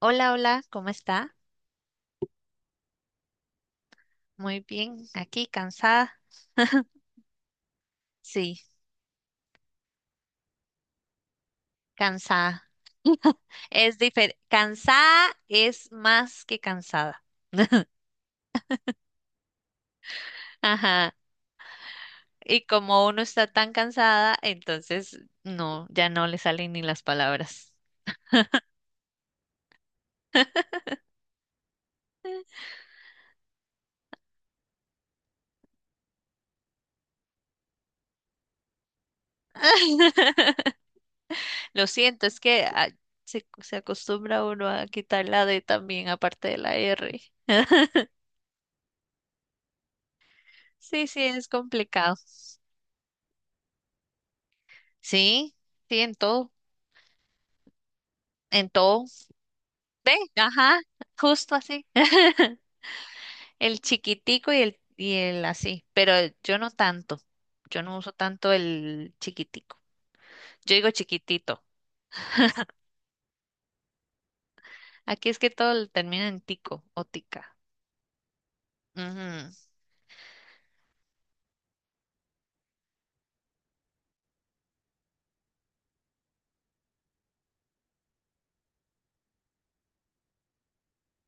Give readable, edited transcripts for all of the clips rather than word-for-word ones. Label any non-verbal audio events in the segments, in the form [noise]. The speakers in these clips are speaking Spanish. Hola, hola, ¿cómo está? Muy bien, aquí cansada. Sí, cansada. Es diferente. Cansada es más que cansada. [laughs] Ajá. Y como uno está tan cansada, entonces no, ya no le salen ni las palabras. [laughs] Lo siento, es que se acostumbra uno a quitar la D también, aparte de la R. Sí, sí, es complicado. Sí, sí, en todo, en todo. Ve, ajá, justo así. [laughs] El chiquitico y el así, pero yo no tanto. Yo no uso tanto el chiquitico. Yo digo chiquitito. Aquí es que todo lo termina en tico o tica. Ujú.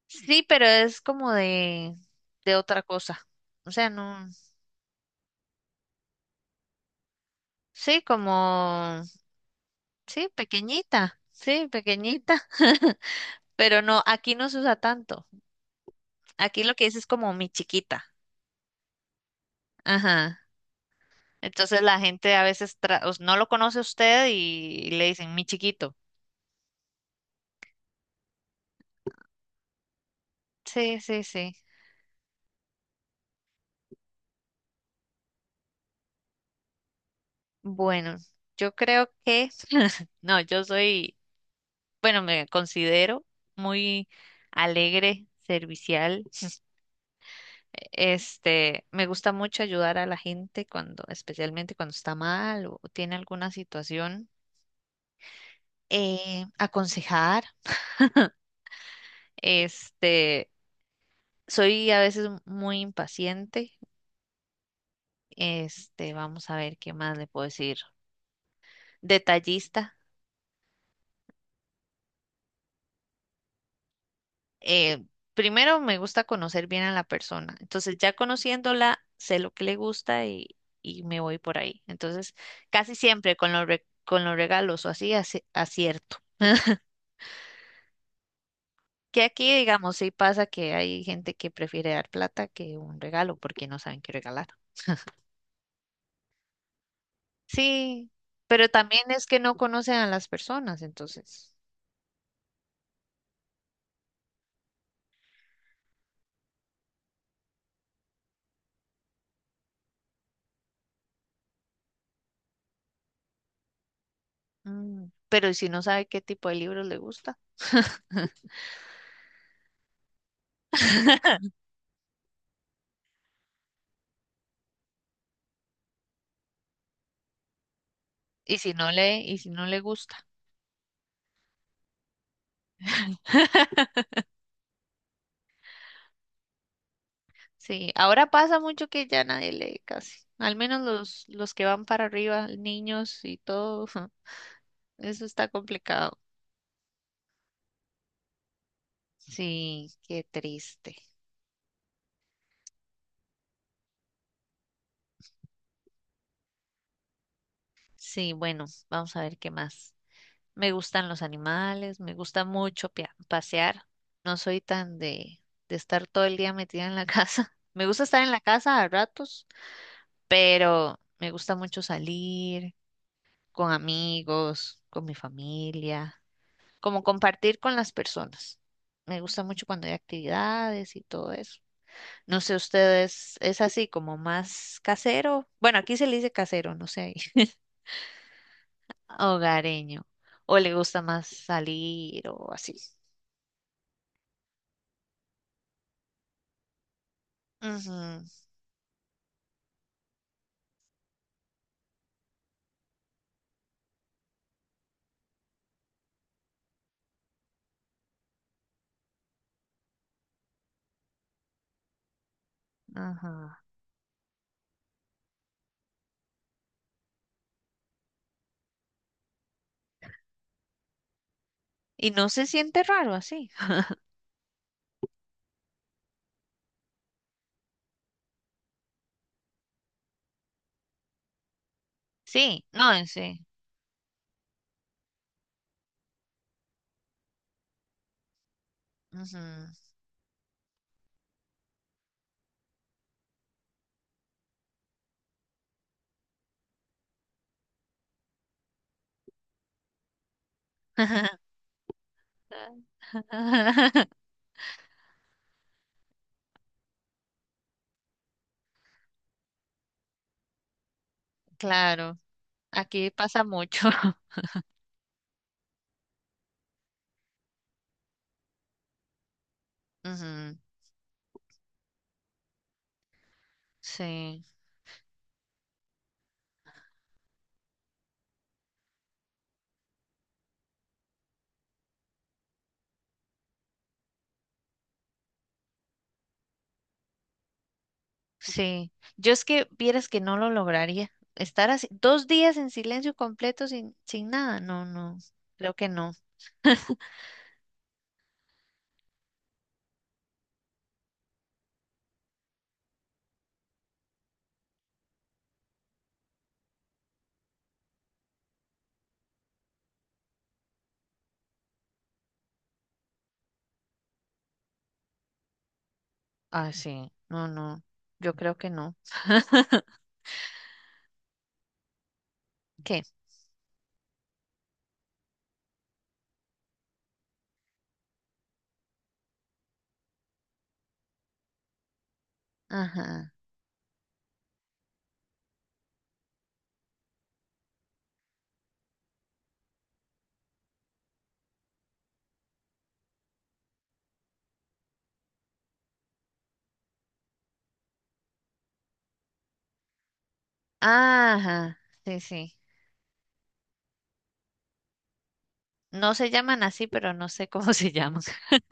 Sí, pero es como de otra cosa. O sea, no. Sí, como. Sí, pequeñita. Sí, pequeñita. [laughs] Pero no, aquí no se usa tanto. Aquí lo que dice es como mi chiquita. Ajá. Entonces la gente a veces no lo conoce a usted y le dicen mi chiquito. Sí, sí, sí. Bueno, yo creo que, no, yo soy, bueno, me considero muy alegre, servicial. Este, me gusta mucho ayudar a la gente cuando, especialmente cuando está mal o tiene alguna situación, aconsejar. Este, soy a veces muy impaciente. Este, vamos a ver qué más le puedo decir. Detallista. Eh, primero me gusta conocer bien a la persona. Entonces, ya conociéndola, sé lo que le gusta y me voy por ahí. Entonces, casi siempre con los regalos o así, acierto. Que aquí, digamos, sí pasa que hay gente que prefiere dar plata que un regalo porque no saben qué regalar. Sí, pero también es que no conocen a las personas, entonces. mm, Pero ¿y si no sabe qué tipo de libros le gusta? [laughs] ¿Y si no lee? ¿Y si no le gusta? [laughs] Sí, ahora pasa mucho que ya nadie lee casi. Al menos los que van para arriba, niños y todo, [laughs] eso está complicado. Sí, qué triste. Sí, bueno, vamos a ver qué más. Me gustan los animales, me gusta mucho pasear. No soy tan de estar todo el día metida en la [laughs] casa. Me gusta estar en la casa a ratos, pero me gusta mucho salir con amigos, con mi familia. Como compartir con las personas. Me gusta mucho cuando hay actividades y todo eso. No sé, ustedes es así como más casero. Bueno, aquí se le dice casero, no sé, ahí. [laughs] Hogareño. O le gusta más salir o así. Ujú, ajá. Y no se siente raro así. Sí, no, en sí. Ujú. [laughs] Claro, aquí pasa mucho. [laughs] Ujú, sí. Sí, yo es que vieras que no lo lograría. Estar así, dos días en silencio completo sin nada, no, no, creo que no. Ah, sí, no, no, yo creo que no. ¿Qué? Ajá, ajá, sí, sí. No se llaman así, pero no sé cómo se llaman. [laughs]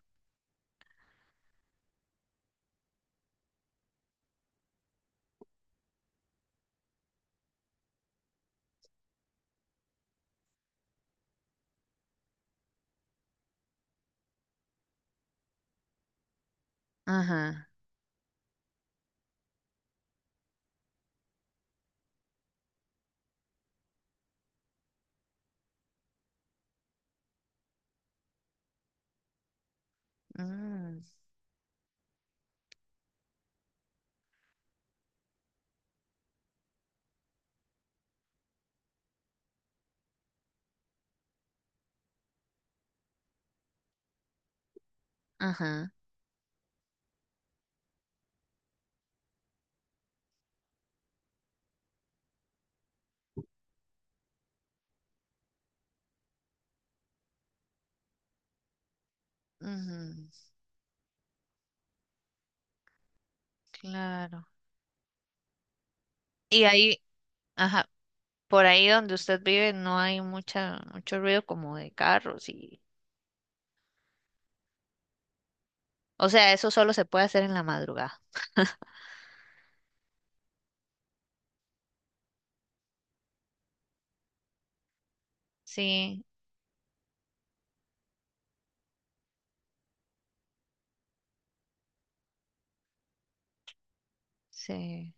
Ajá, mm, ajá, ujú, claro. Y ahí, ajá, por ahí donde usted vive no hay mucho ruido como de carros y, o sea, eso solo se puede hacer en la madrugada. Sí. Sí,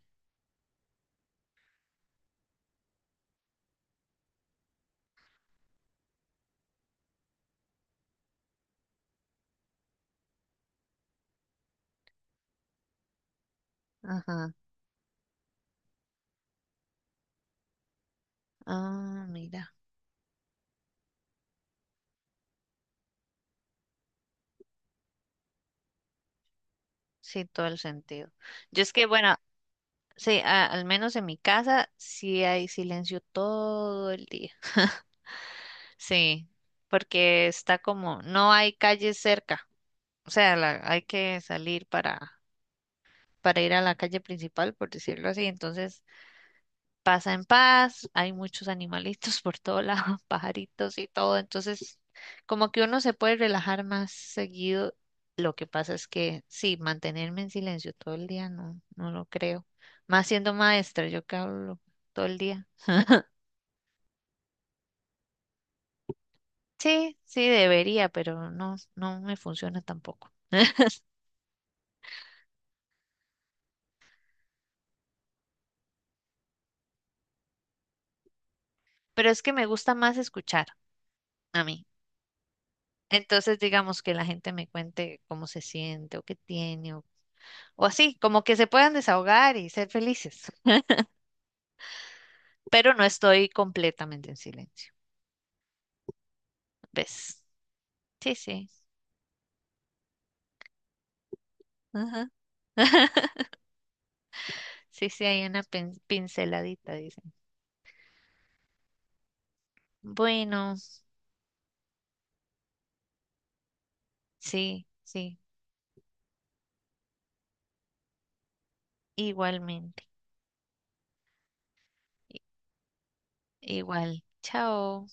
ajá. Ah, mira, sí, todo el sentido. Yo es que, bueno, sí, al menos en mi casa sí hay silencio todo el día. [laughs] Sí, porque está como, no hay calle cerca, o sea, hay que salir para ir a la calle principal, por decirlo así, entonces pasa en paz, hay muchos animalitos por todo lado, [laughs] pajaritos y todo, entonces como que uno se puede relajar más seguido. Lo que pasa es que sí, mantenerme en silencio todo el día no, no lo creo. Más siendo maestra, yo que hablo todo el día. Sí, sí debería, pero no, no me funciona tampoco. Pero es que me gusta más escuchar a mí. Entonces, digamos que la gente me cuente cómo se siente o qué tiene o, así, como que se puedan desahogar y ser felices. Pero no estoy completamente en silencio. ¿Ves? Sí, sí. Ajá. [laughs] Sí, sí, hay una pinceladita, dicen. Bueno, sí, sí, igualmente. I- Igual. Chao.